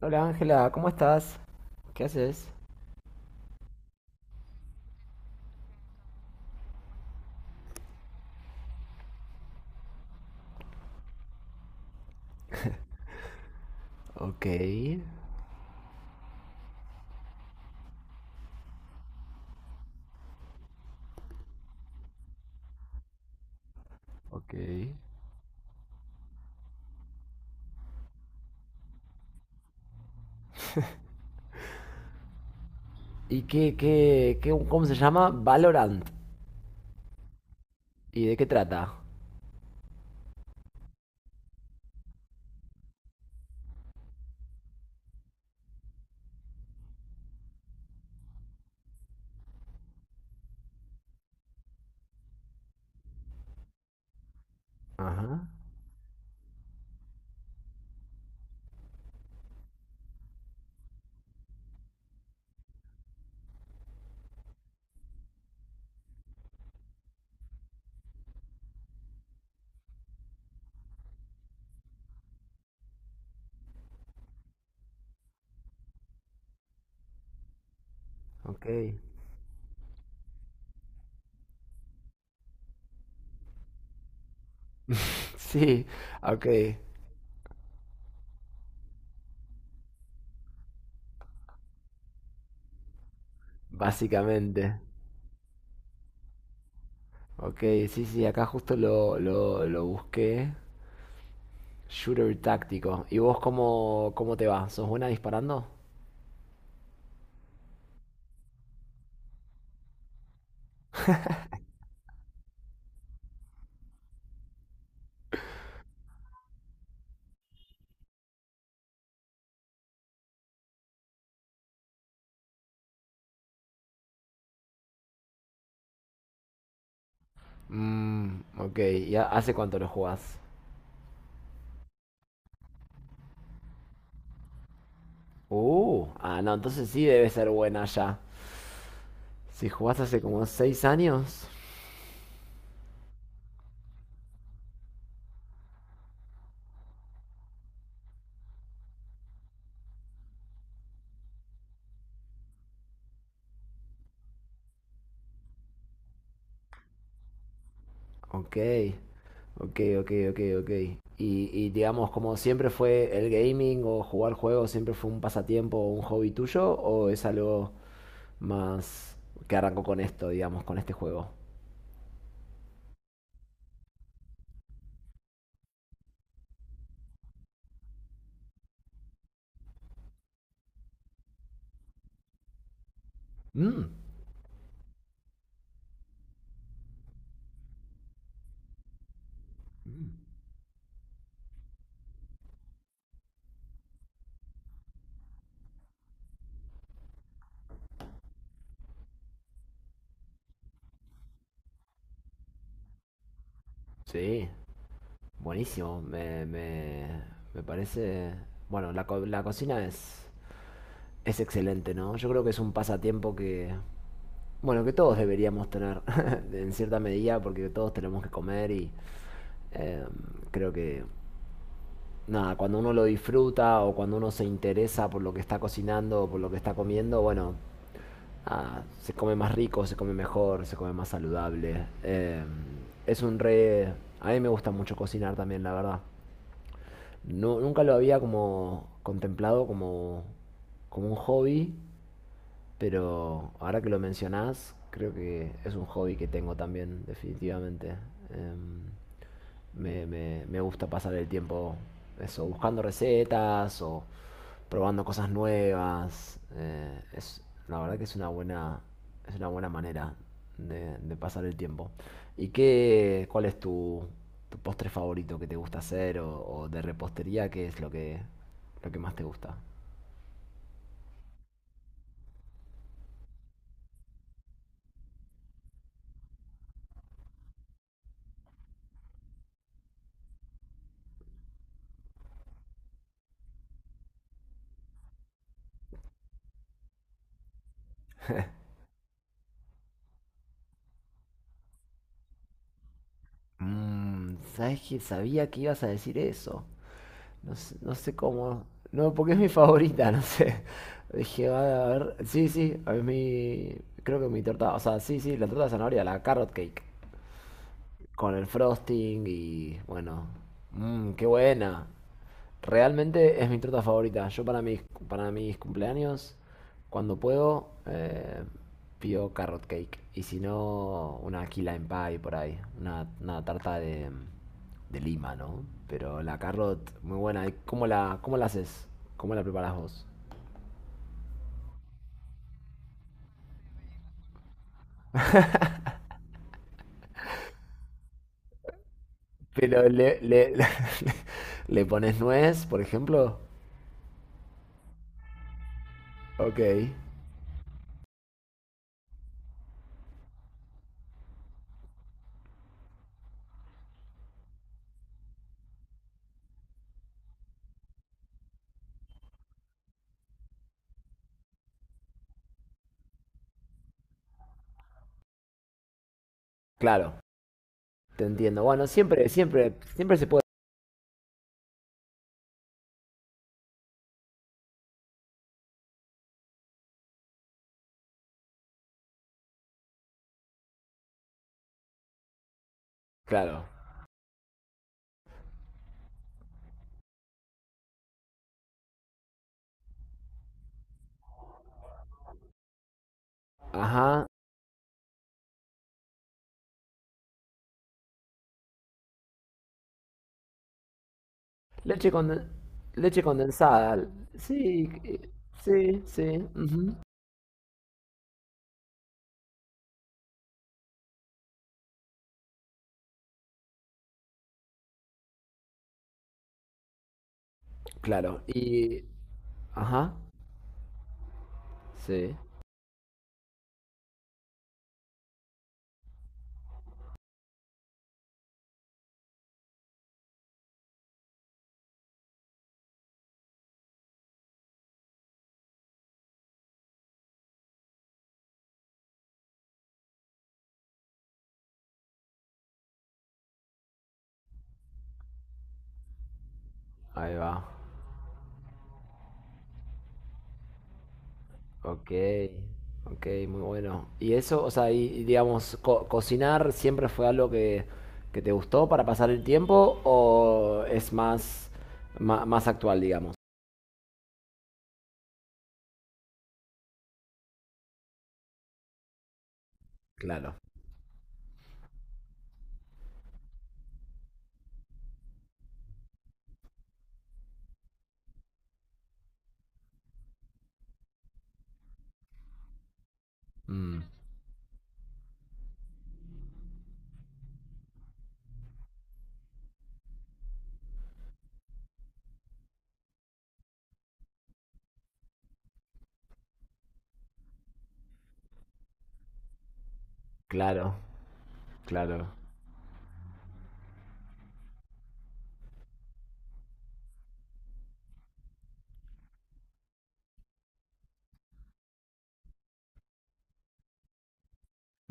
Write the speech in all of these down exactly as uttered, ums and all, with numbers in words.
Hola Ángela, ¿cómo estás? ¿Qué haces? Ok, ok. ¿Y qué, qué, qué, cómo se llama? Valorant. ¿Y de qué trata? Ajá, ok. Sí, ok, básicamente. Ok, sí, sí, acá justo lo, lo, lo busqué. Shooter táctico. ¿Y vos cómo, cómo te va? ¿Sos buena disparando? Mmm, ok. ¿Y ha- hace cuánto lo jugás? Uh, ah, no, entonces sí debe ser buena ya. Si jugás hace como seis años. Ok, ok, ok, ok, ok. Y, y digamos, como siempre fue el gaming o jugar juegos, siempre fue un pasatiempo o un hobby tuyo, o es algo más que arrancó con esto, digamos, con este juego. Mm, mm, sí, buenísimo. Me, me, me parece... Bueno, la, co- la cocina es, es excelente, ¿no? Yo creo que es un pasatiempo que... Bueno, que todos deberíamos tener en cierta medida porque todos tenemos que comer y eh, creo que nada, cuando uno lo disfruta o cuando uno se interesa por lo que está cocinando o por lo que está comiendo, bueno, ah, se come más rico, se come mejor, se come más saludable. Eh, es un re... A mí me gusta mucho cocinar también, la verdad. Nu- nunca lo había como contemplado como, como un hobby, pero ahora que lo mencionás, creo que es un hobby que tengo también, definitivamente. Em, me, me- me gusta pasar el tiempo eso, buscando recetas o probando cosas nuevas. Eh, es, la verdad que es una buena, es una buena manera de, de pasar el tiempo. ¿Y qué, cuál es tu, tu postre favorito que te gusta hacer o, o de repostería? ¿Qué es lo que, lo que más te gusta? Mm, ¿sabes qué? Sabía que ibas a decir eso. No sé, no sé cómo. No, porque es mi favorita, no sé. Dije, "Va, a ver. Sí, sí, es mi. Creo que mi torta". O sea, sí, sí, la torta de zanahoria, la carrot cake con el frosting y bueno, mmm, qué buena. Realmente es mi torta favorita. Yo para mis, para mis cumpleaños, cuando puedo, eh, pido carrot cake. Y si no, una key lime pie por ahí. Una, una tarta de, de lima, ¿no? Pero la carrot, muy buena. ¿Y ¿Cómo la, cómo la haces? ¿Cómo la preparas vos? Pero le, le, le pones nuez, por ejemplo. Ok. Claro. Te entiendo. Bueno, siempre, siempre, siempre se puede. Claro. Ajá. Leche conden- leche condensada. Sí, eh, sí, sí. Ujú. Claro. Y. Ajá. Sí. Ahí va. Ok. Ok, muy bueno. Y eso, o sea, y, y digamos, co- cocinar siempre fue algo que, que te gustó para pasar el tiempo o es más, ma- más, actual, digamos. Claro. Mm, claro. Claro.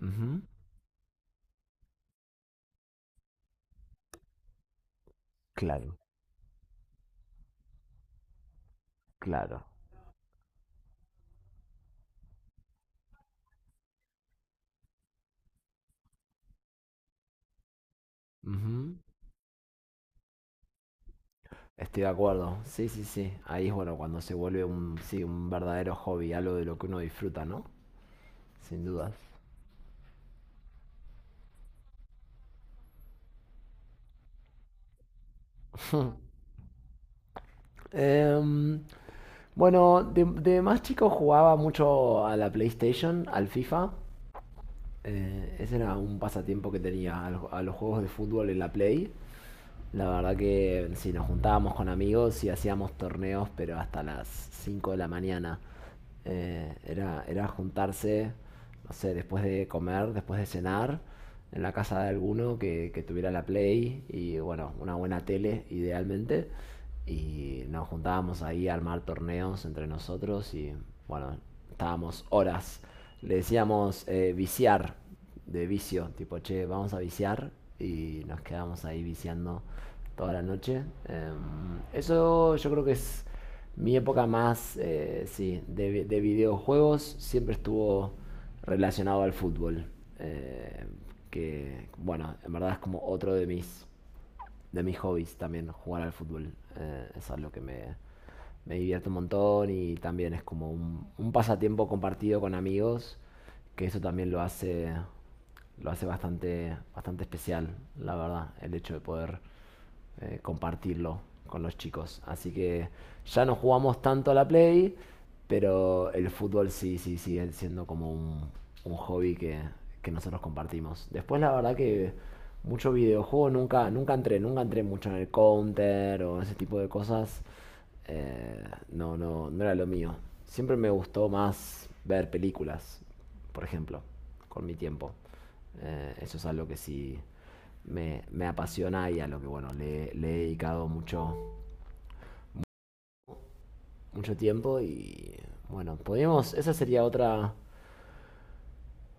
Ujú. Claro. Claro, ujú. Estoy de acuerdo. Sí, sí, sí. Ahí es bueno cuando se vuelve un, sí, un verdadero hobby, algo de lo que uno disfruta, ¿no? Sin dudas. Em, bueno, de, de más chico jugaba mucho a la PlayStation, al FIFA. Eh, ese era un pasatiempo que tenía, al- a los juegos de fútbol en la Play. La verdad que si nos juntábamos con amigos y hacíamos torneos, pero hasta las cinco de la mañana. Eh, era, era juntarse, no sé, después de comer, después de cenar, en la casa de alguno que, que tuviera la Play y, bueno, una buena tele, idealmente. Y nos juntábamos ahí a armar torneos entre nosotros y, bueno, estábamos horas. Le decíamos eh, viciar de vicio, tipo, che, vamos a viciar y nos quedamos ahí viciando toda la noche. Em, eso yo creo que es mi época más, eh, sí, de, vi- de videojuegos, siempre estuvo relacionado al fútbol, eh, que bueno, en verdad es como otro de mis de mis hobbies también, jugar al fútbol. Eh, es algo que me, me divierte un montón y también es como un, un pasatiempo compartido con amigos, que eso también lo hace, lo hace bastante, bastante especial, la verdad, el hecho de poder eh, compartirlo con los chicos. Así que ya no jugamos tanto a la Play, pero el fútbol sí, sí, sigue siendo como un, un hobby que, que nosotros compartimos. Después la verdad que mucho videojuego nunca, nunca entré, nunca entré mucho en el counter o ese tipo de cosas. Eh, no, no, no era lo mío. Siempre me gustó más ver películas, por ejemplo, con mi tiempo. Eh, eso es algo que sí me, me apasiona y a lo que bueno, le, le he dedicado mucho, mucho tiempo y bueno, podríamos, esa sería otra,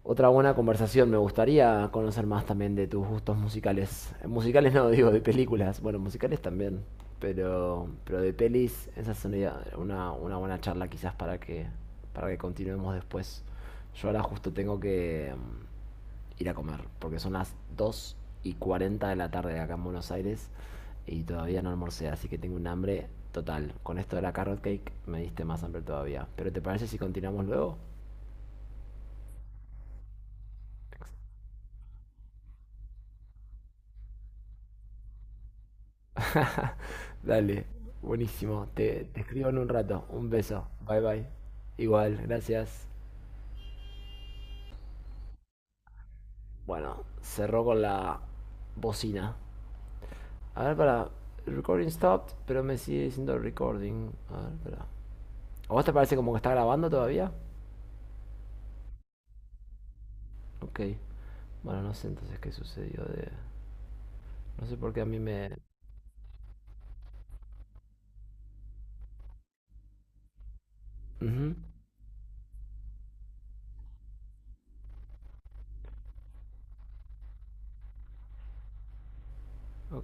otra buena conversación. Me gustaría conocer más también de tus gustos musicales. Eh, Musicales no, digo, de películas. Bueno, musicales también, pero, pero de pelis, esa sería una, una buena charla quizás para que, para que continuemos después. Yo ahora justo tengo que... mm, ir a comer, porque son las dos y cuarenta de la tarde acá en Buenos Aires y todavía no almorcé, así que tengo un hambre total. Con esto de la carrot cake me diste más hambre todavía. ¿Pero te parece si continuamos luego? Dale, buenísimo. Te, te escribo en un rato. Un beso. Bye bye. Igual, gracias. Bueno, cerró con la bocina. A ver, para. Recording stopped, pero me sigue diciendo recording. A ver, para. ¿A vos te parece como que está grabando todavía? Ok. Bueno, no sé entonces qué sucedió de... No sé por qué a mí me... Ujú. Ok.